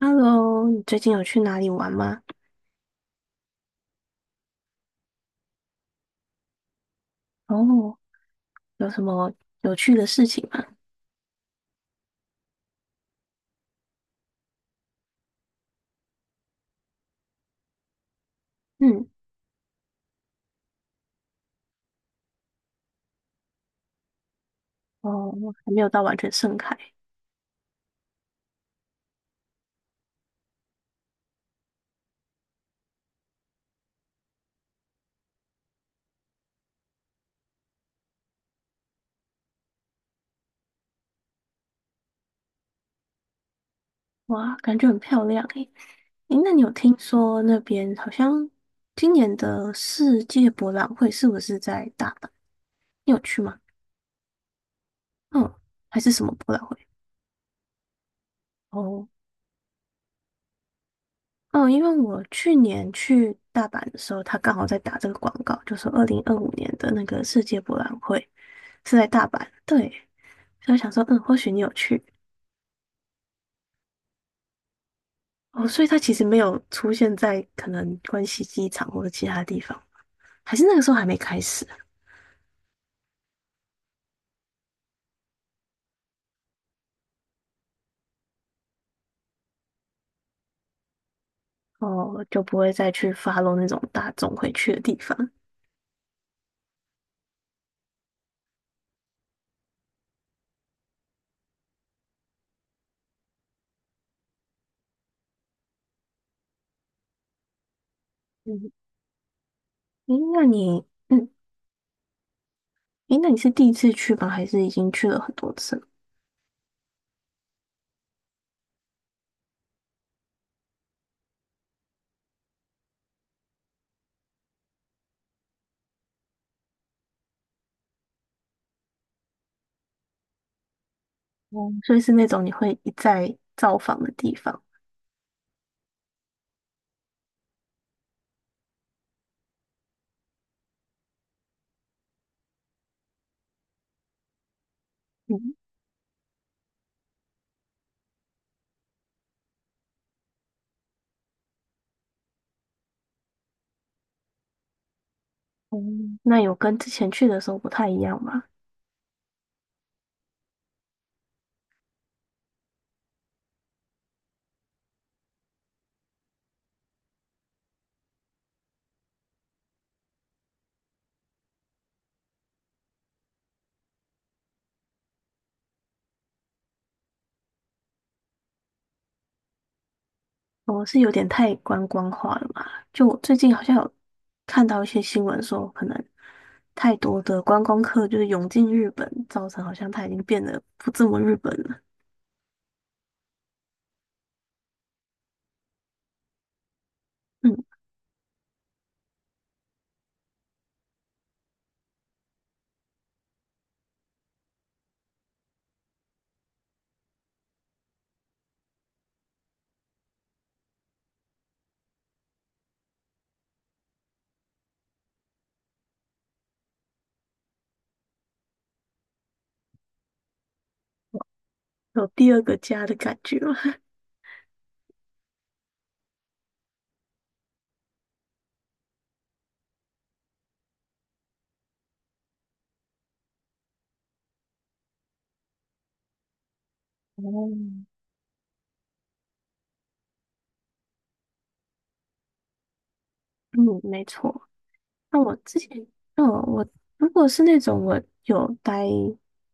Hello，你最近有去哪里玩吗？哦，有什么有趣的事情吗？嗯，哦，还没有到完全盛开。哇，感觉很漂亮诶。诶，那你有听说那边好像今年的世界博览会是不是在大阪？你有去吗？嗯，还是什么博览会？哦，嗯，因为我去年去大阪的时候，他刚好在打这个广告，就是2025年的那个世界博览会是在大阪，对，所以我想说，嗯，或许你有去。哦，所以它其实没有出现在可能关西机场或者其他地方，还是那个时候还没开始啊？哦，就不会再去发 o 那种大众会去的地方。嗯，诶，那你，诶，那你是第一次去吗？还是已经去了很多次了？哦，所以是那种你会一再造访的地方。嗯，哦，那有跟之前去的时候不太一样吗？我是有点太观光化了嘛？就我最近好像有看到一些新闻说，可能太多的观光客就是涌进日本，造成好像他已经变得不这么日本了。嗯，有第二个家的感觉了。哦，嗯，没错。那我之前，嗯，我如果是那种我有待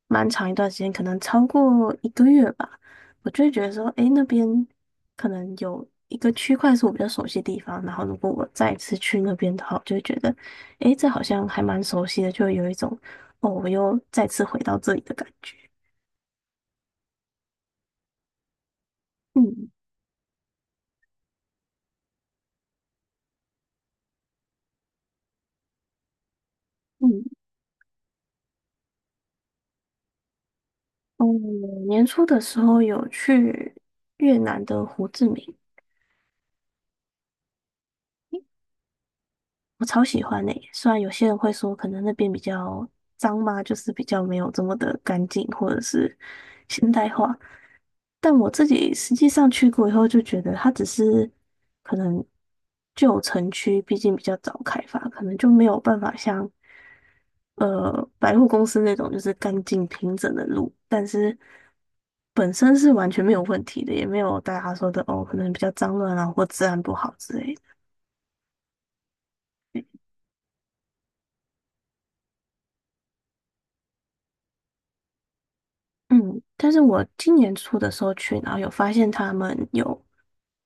蛮长一段时间，可能超过一个月吧，我就会觉得说，诶，那边可能有一个区块是我比较熟悉的地方，然后如果我再一次去那边的话，我就会觉得，诶，这好像还蛮熟悉的，就会有一种，哦，我又再次回到这里的感觉。嗯嗯，哦，年初的时候有去越南的胡志明。我超喜欢诶、虽然有些人会说可能那边比较脏嘛，就是比较没有这么的干净或者是现代化，但我自己实际上去过以后就觉得它只是可能旧城区，毕竟比较早开发，可能就没有办法像百货公司那种就是干净平整的路，但是本身是完全没有问题的，也没有大家说的哦，可能比较脏乱啊或治安不好之类的。嗯，但是我今年初的时候去，然后有发现他们有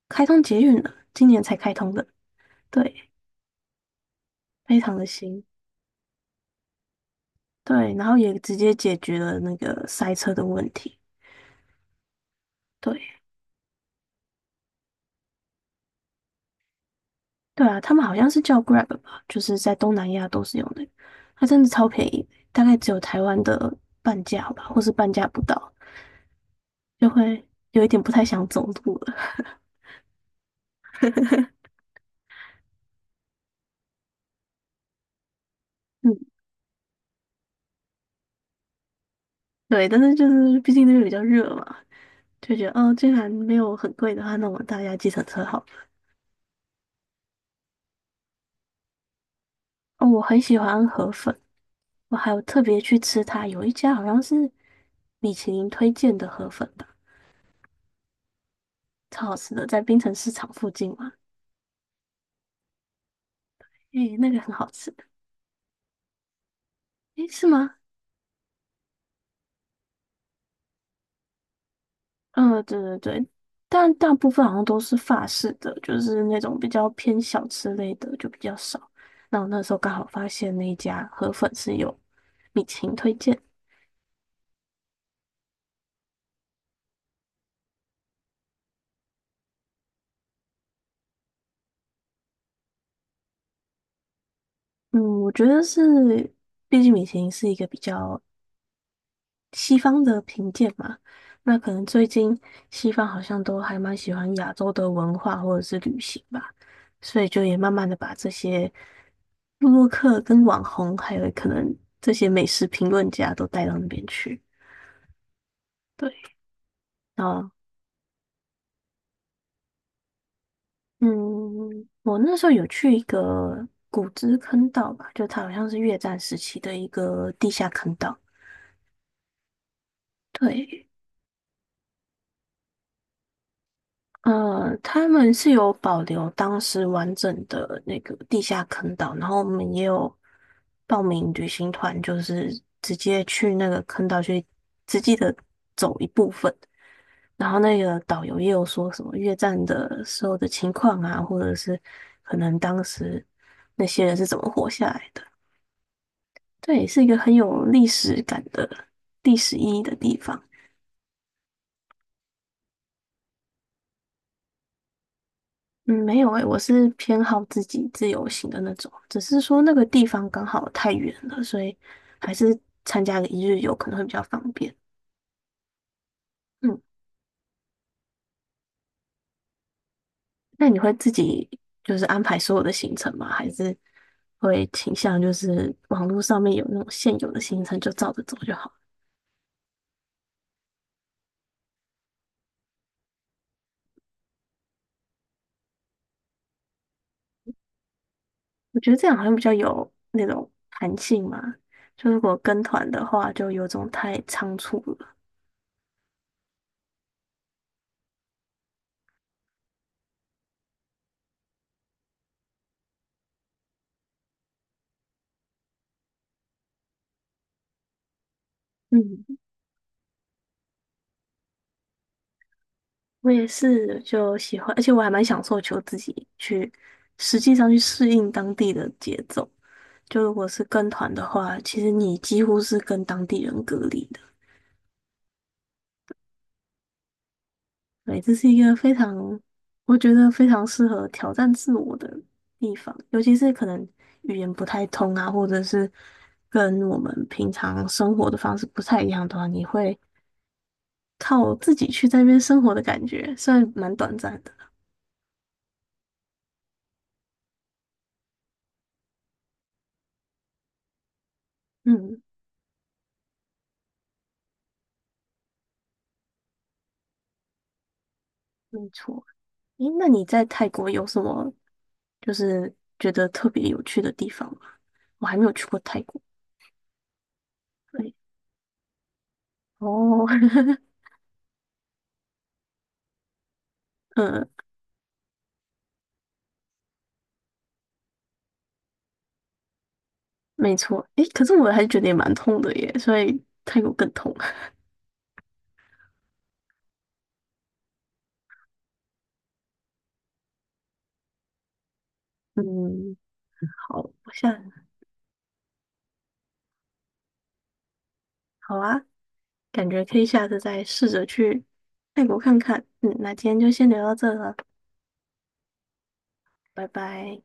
开通捷运了，今年才开通的，对，非常的新，对，然后也直接解决了那个塞车的问题。对，对啊，他们好像是叫 Grab 吧，就是在东南亚都是用的。它真的超便宜，大概只有台湾的半价吧，或是半价不到，就会有一点不太想走路了。嗯，对，但是就是毕竟那边比较热嘛，就觉得哦，既然没有很贵的话，那我们大家计程车好了。哦，我很喜欢河粉，我还有特别去吃它，有一家好像是米其林推荐的河粉吧，超好吃的，在槟城市场附近嘛。诶，那个很好吃。诶，是吗？嗯，对对对，但大部分好像都是法式的，就是那种比较偏小吃类的就比较少。那我那时候刚好发现那一家河粉是有米其林推荐。嗯，我觉得是，毕竟米其林是一个比较西方的评鉴嘛，那可能最近西方好像都还蛮喜欢亚洲的文化或者是旅行吧，所以就也慢慢的把这些布洛克跟网红，还有可能这些美食评论家都带到那边去。对，啊，嗯，我那时候有去一个古芝坑道吧，就它好像是越战时期的一个地下坑道。对，他们是有保留当时完整的那个地下坑道，然后我们也有报名旅行团，就是直接去那个坑道去实际的走一部分，然后那个导游也有说什么越战的时候的情况啊，或者是可能当时那些人是怎么活下来的。对，是一个很有历史感的历史意义的地方。嗯，没有诶，我是偏好自己自由行的那种，只是说那个地方刚好太远了，所以还是参加个一日游可能会比较方便。嗯，那你会自己就是安排所有的行程吗？还是会倾向就是网络上面有那种现有的行程就照着走就好？我觉得这样好像比较有那种弹性嘛。就如果跟团的话，就有种太仓促了。嗯，我也是，就喜欢，而且我还蛮享受求自己去实际上去适应当地的节奏。就如果是跟团的话，其实你几乎是跟当地人隔离的。对，这是一个非常，我觉得非常适合挑战自我的地方，尤其是可能语言不太通啊，或者是跟我们平常生活的方式不太一样的话，你会靠自己去在那边生活的感觉，虽然蛮短暂的。嗯，没错。诶，那你在泰国有什么就是觉得特别有趣的地方吗？我还没有去过泰国。对，哦，嗯，没错。诶，可是我还是觉得也蛮痛的耶，所以泰国更痛。嗯，好，我下，好啊，感觉可以下次再试着去泰国看看。嗯，那今天就先聊到这了，拜拜。